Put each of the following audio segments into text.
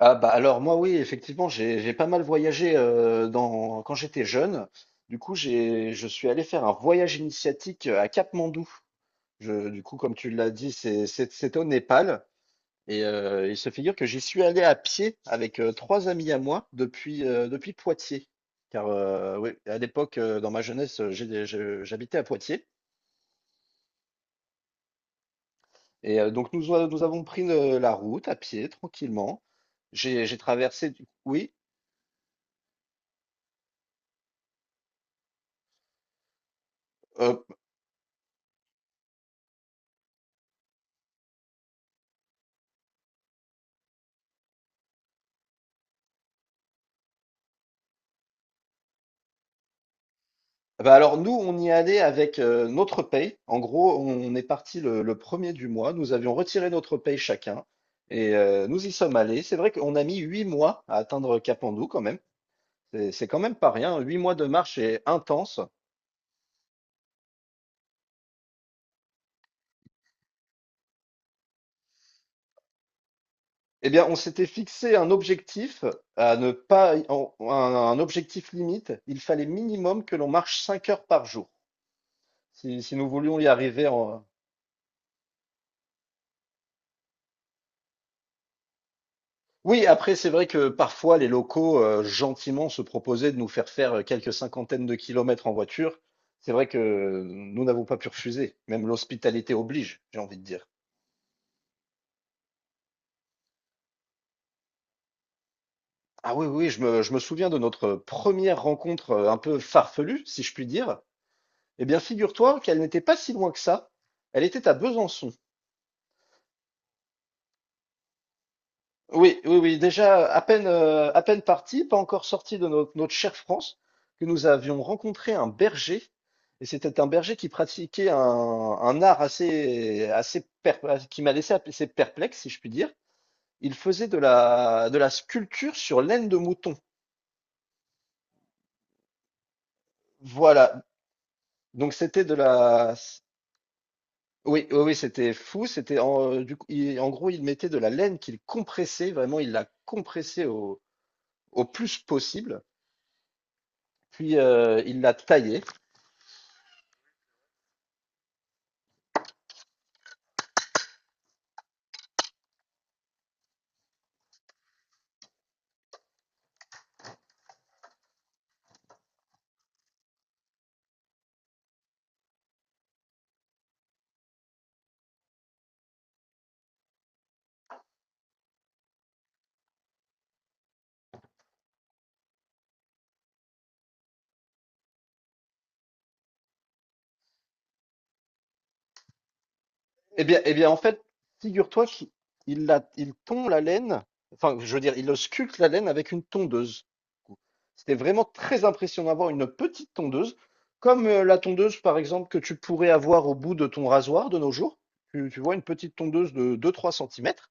Ah bah alors moi oui, effectivement, j'ai pas mal voyagé dans quand j'étais jeune. Du coup, j'ai je suis allé faire un voyage initiatique à Katmandou. Du coup, comme tu l'as dit, c'est au Népal. Et il se figure que j'y suis allé à pied avec trois amis à moi depuis Poitiers. Car oui, à l'époque, dans ma jeunesse, j'habitais à Poitiers. Et donc nous avons pris la route à pied tranquillement. J'ai traversé. Oui. euh, Bah alors nous, on y allait avec notre paye. En gros, on est parti le premier du mois. Nous avions retiré notre paye chacun et nous y sommes allés. C'est vrai qu'on a mis huit mois à atteindre Capandou quand même. C'est quand même pas rien. 8 mois de marche est intense. Eh bien, on s'était fixé un objectif à ne pas, un objectif limite. Il fallait minimum que l'on marche 5 heures par jour si nous voulions y arriver. Oui, après, c'est vrai que parfois les locaux gentiment se proposaient de nous faire faire quelques cinquantaines de kilomètres en voiture. C'est vrai que nous n'avons pas pu refuser. Même l'hospitalité oblige, j'ai envie de dire. Ah oui, oui, je me souviens de notre première rencontre un peu farfelue, si je puis dire. Eh bien, figure-toi qu'elle n'était pas si loin que ça. Elle était à Besançon. Oui, oui, oui. Déjà, à peine parti, pas encore sorti de notre chère France, que nous avions rencontré un berger. Et c'était un berger qui pratiquait un art qui m'a laissé assez perplexe, si je puis dire. Il faisait de la sculpture sur laine de mouton. Voilà. Donc c'était oui, oui, oui, c'était fou. C'était du coup, en gros, il mettait de la laine qu'il compressait. Vraiment, il la compressait au plus possible. Puis il la taillait. Eh bien, en fait, figure-toi qu'il il tond la laine, enfin, je veux dire, il ausculte la laine avec une tondeuse. C'était vraiment très impressionnant d'avoir une petite tondeuse, comme la tondeuse, par exemple, que tu pourrais avoir au bout de ton rasoir de nos jours. Tu vois, une petite tondeuse de 2-3 cm.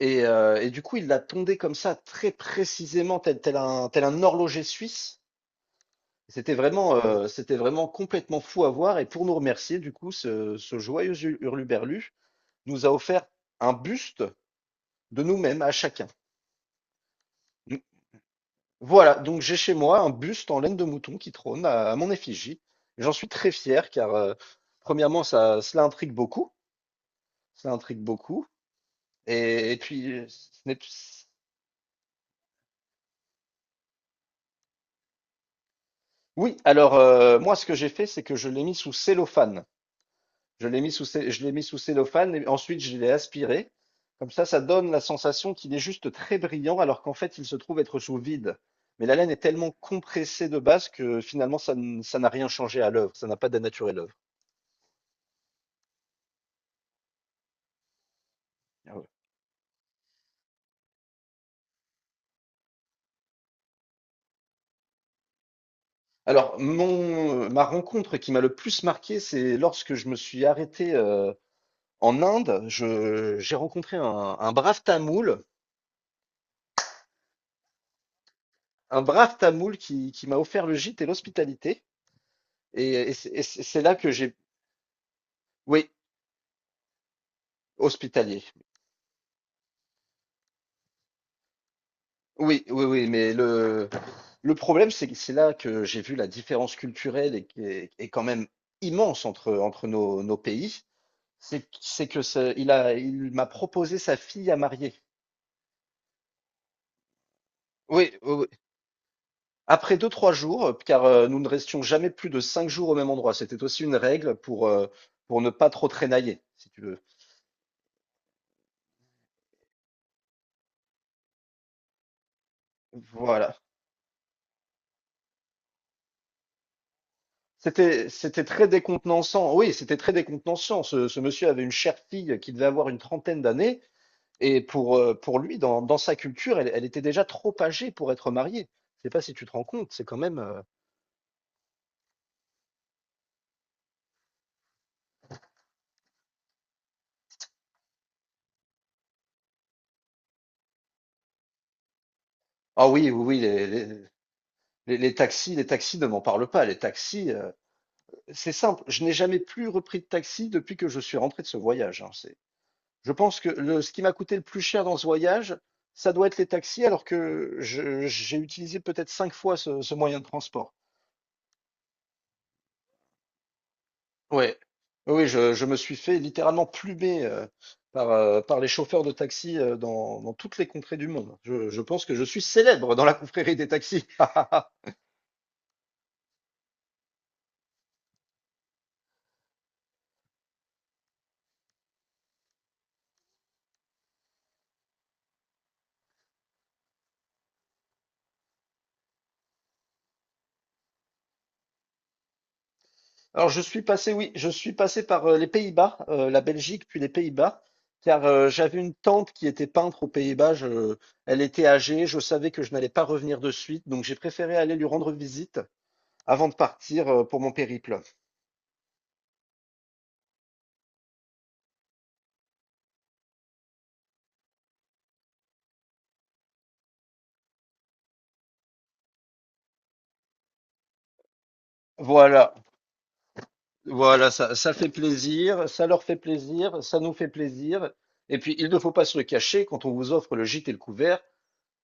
Et du coup, il l'a tondée comme ça, très précisément, tel un horloger suisse. C'était vraiment complètement fou à voir. Et pour nous remercier, du coup, ce joyeux hurluberlu, nous a offert un buste de nous-mêmes à chacun. Voilà, donc j'ai chez moi un buste en laine de mouton qui trône à mon effigie. J'en suis très fier car, premièrement, cela intrigue beaucoup. Cela intrigue beaucoup. Et puis, ce n'est- oui, alors moi, ce que j'ai fait, c'est que je l'ai mis sous cellophane. Je l'ai mis sous cellophane et ensuite je l'ai aspiré. Comme ça donne la sensation qu'il est juste très brillant alors qu'en fait, il se trouve être sous vide. Mais la laine est tellement compressée de base que finalement, ça n'a rien changé à l'œuvre. Ça n'a pas dénaturé l'œuvre. Ah ouais. Alors, ma rencontre qui m'a le plus marqué, c'est lorsque je me suis arrêté en Inde. J'ai rencontré un brave tamoul, un brave tamoul qui m'a offert le gîte et l'hospitalité. Et c'est là que j'ai, oui, hospitalier. Oui, oui, oui, mais le problème, c'est que c'est là que j'ai vu la différence culturelle et qui est quand même immense entre nos pays. C'est que il m'a proposé sa fille à marier. Oui, oui, oui. Après deux, trois jours, car nous ne restions jamais plus de 5 jours au même endroit. C'était aussi une règle pour ne pas trop traînailler, si tu veux. Voilà. C'était très décontenançant. Oui, c'était très décontenançant. Ce monsieur avait une chère fille qui devait avoir une trentaine d'années. Et pour lui, dans sa culture, elle était déjà trop âgée pour être mariée. Je sais pas si tu te rends compte, c'est quand même. Ah oui, oui, oui, les taxis ne m'en parlent pas. Les taxis, c'est simple. Je n'ai jamais plus repris de taxi depuis que je suis rentré de ce voyage, hein, je pense que ce qui m'a coûté le plus cher dans ce voyage, ça doit être les taxis, alors que j'ai utilisé peut-être cinq fois ce moyen de transport. Ouais. Oui, oui, je me suis fait littéralement plumer par les chauffeurs de taxi dans toutes les contrées du monde. Je pense que je suis célèbre dans la confrérie des taxis. Alors, je suis passé, oui, je suis passé par les Pays-Bas, la Belgique, puis les Pays-Bas, car j'avais une tante qui était peintre aux Pays-Bas. Elle était âgée, je savais que je n'allais pas revenir de suite, donc j'ai préféré aller lui rendre visite avant de partir pour mon périple. Voilà. Voilà, ça fait plaisir, ça leur fait plaisir, ça nous fait plaisir. Et puis, il ne faut pas se le cacher, quand on vous offre le gîte et le couvert,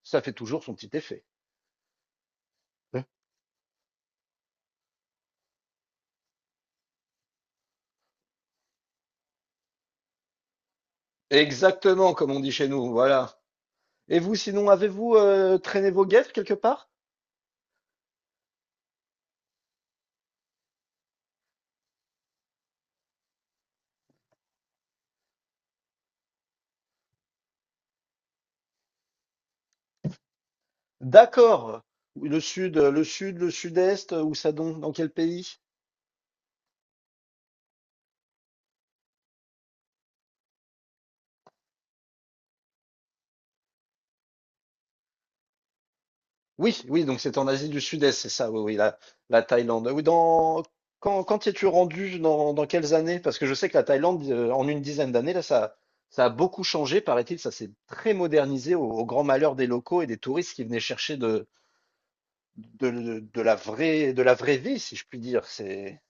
ça fait toujours son petit effet. Ouais. Exactement, comme on dit chez nous, voilà. Et vous, sinon, avez-vous traîné vos guêtres quelque part? D'accord. Le sud-est, où ça donc? Dans quel pays? Oui, oui, donc c'est en Asie du Sud-Est, c'est ça, oui, oui, la Thaïlande. Oui, quand t'y es-tu rendu, dans quelles années? Parce que je sais que la Thaïlande, en une dizaine d'années, là, ça a beaucoup changé, paraît-il, ça s'est très modernisé au grand malheur des locaux et des touristes qui venaient chercher de la vraie vie, si je puis dire.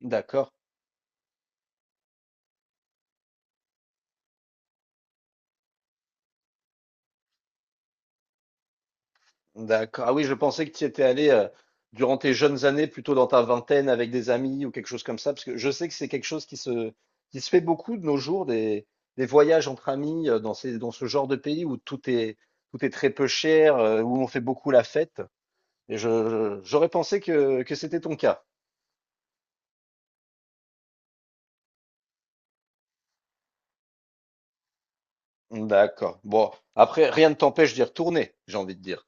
D'accord. D'accord. Ah oui, je pensais que tu y étais allé durant tes jeunes années, plutôt dans ta vingtaine, avec des amis ou quelque chose comme ça, parce que je sais que c'est quelque chose qui se fait beaucoup de nos jours, des voyages entre amis dans ce genre de pays où tout est très peu cher, où on fait beaucoup la fête. Et j'aurais pensé que c'était ton cas. D'accord. Bon, après, rien ne t'empêche d'y retourner, j'ai envie de dire.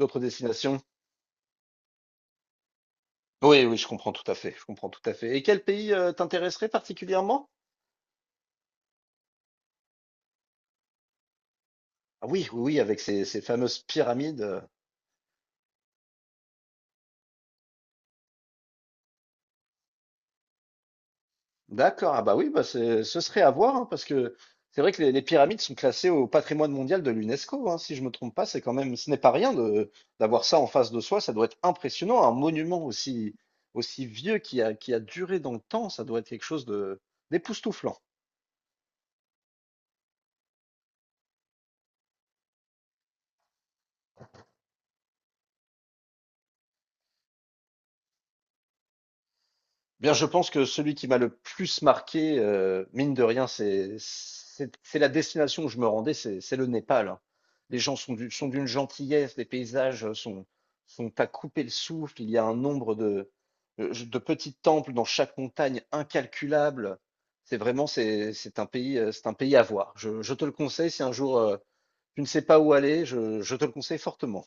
D'autres destinations? Oui, oui, je comprends tout à fait. Je comprends tout à fait. Et quel pays t'intéresserait particulièrement? Ah oui, oui, oui, avec ces fameuses pyramides. D'accord, ah bah oui, bah ce serait à voir, hein, parce que c'est vrai que les pyramides sont classées au patrimoine mondial de l'UNESCO, hein, si je me trompe pas, c'est quand même, ce n'est pas rien de d'avoir ça en face de soi, ça doit être impressionnant, un monument aussi vieux qui a duré dans le temps, ça doit être quelque chose de d'époustouflant. Eh bien, je pense que celui qui m'a le plus marqué, mine de rien, c'est la destination où je me rendais, c'est le Népal, hein. Les gens sont d'une gentillesse, les paysages sont à couper le souffle. Il y a un nombre de petits temples dans chaque montagne incalculable. C'est un pays à voir. Je te le conseille si un jour, tu ne sais pas où aller, je te le conseille fortement.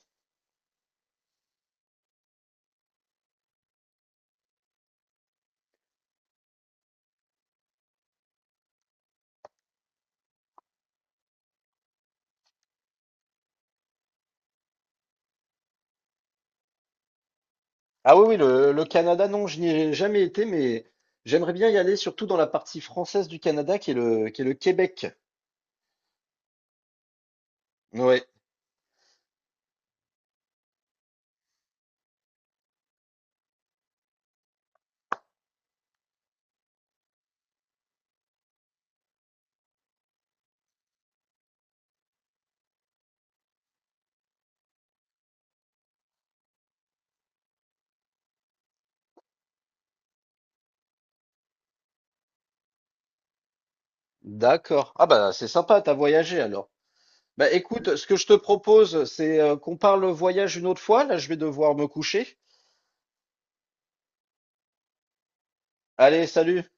Ah oui, oui, le Canada, non, je n'y ai jamais été, mais j'aimerais bien y aller, surtout dans la partie française du Canada, qui est le Québec. Ouais, d'accord. Ah bah c'est sympa, t'as voyagé alors. Bah écoute, ce que je te propose, c'est qu'on parle voyage une autre fois. Là, je vais devoir me coucher. Allez, salut.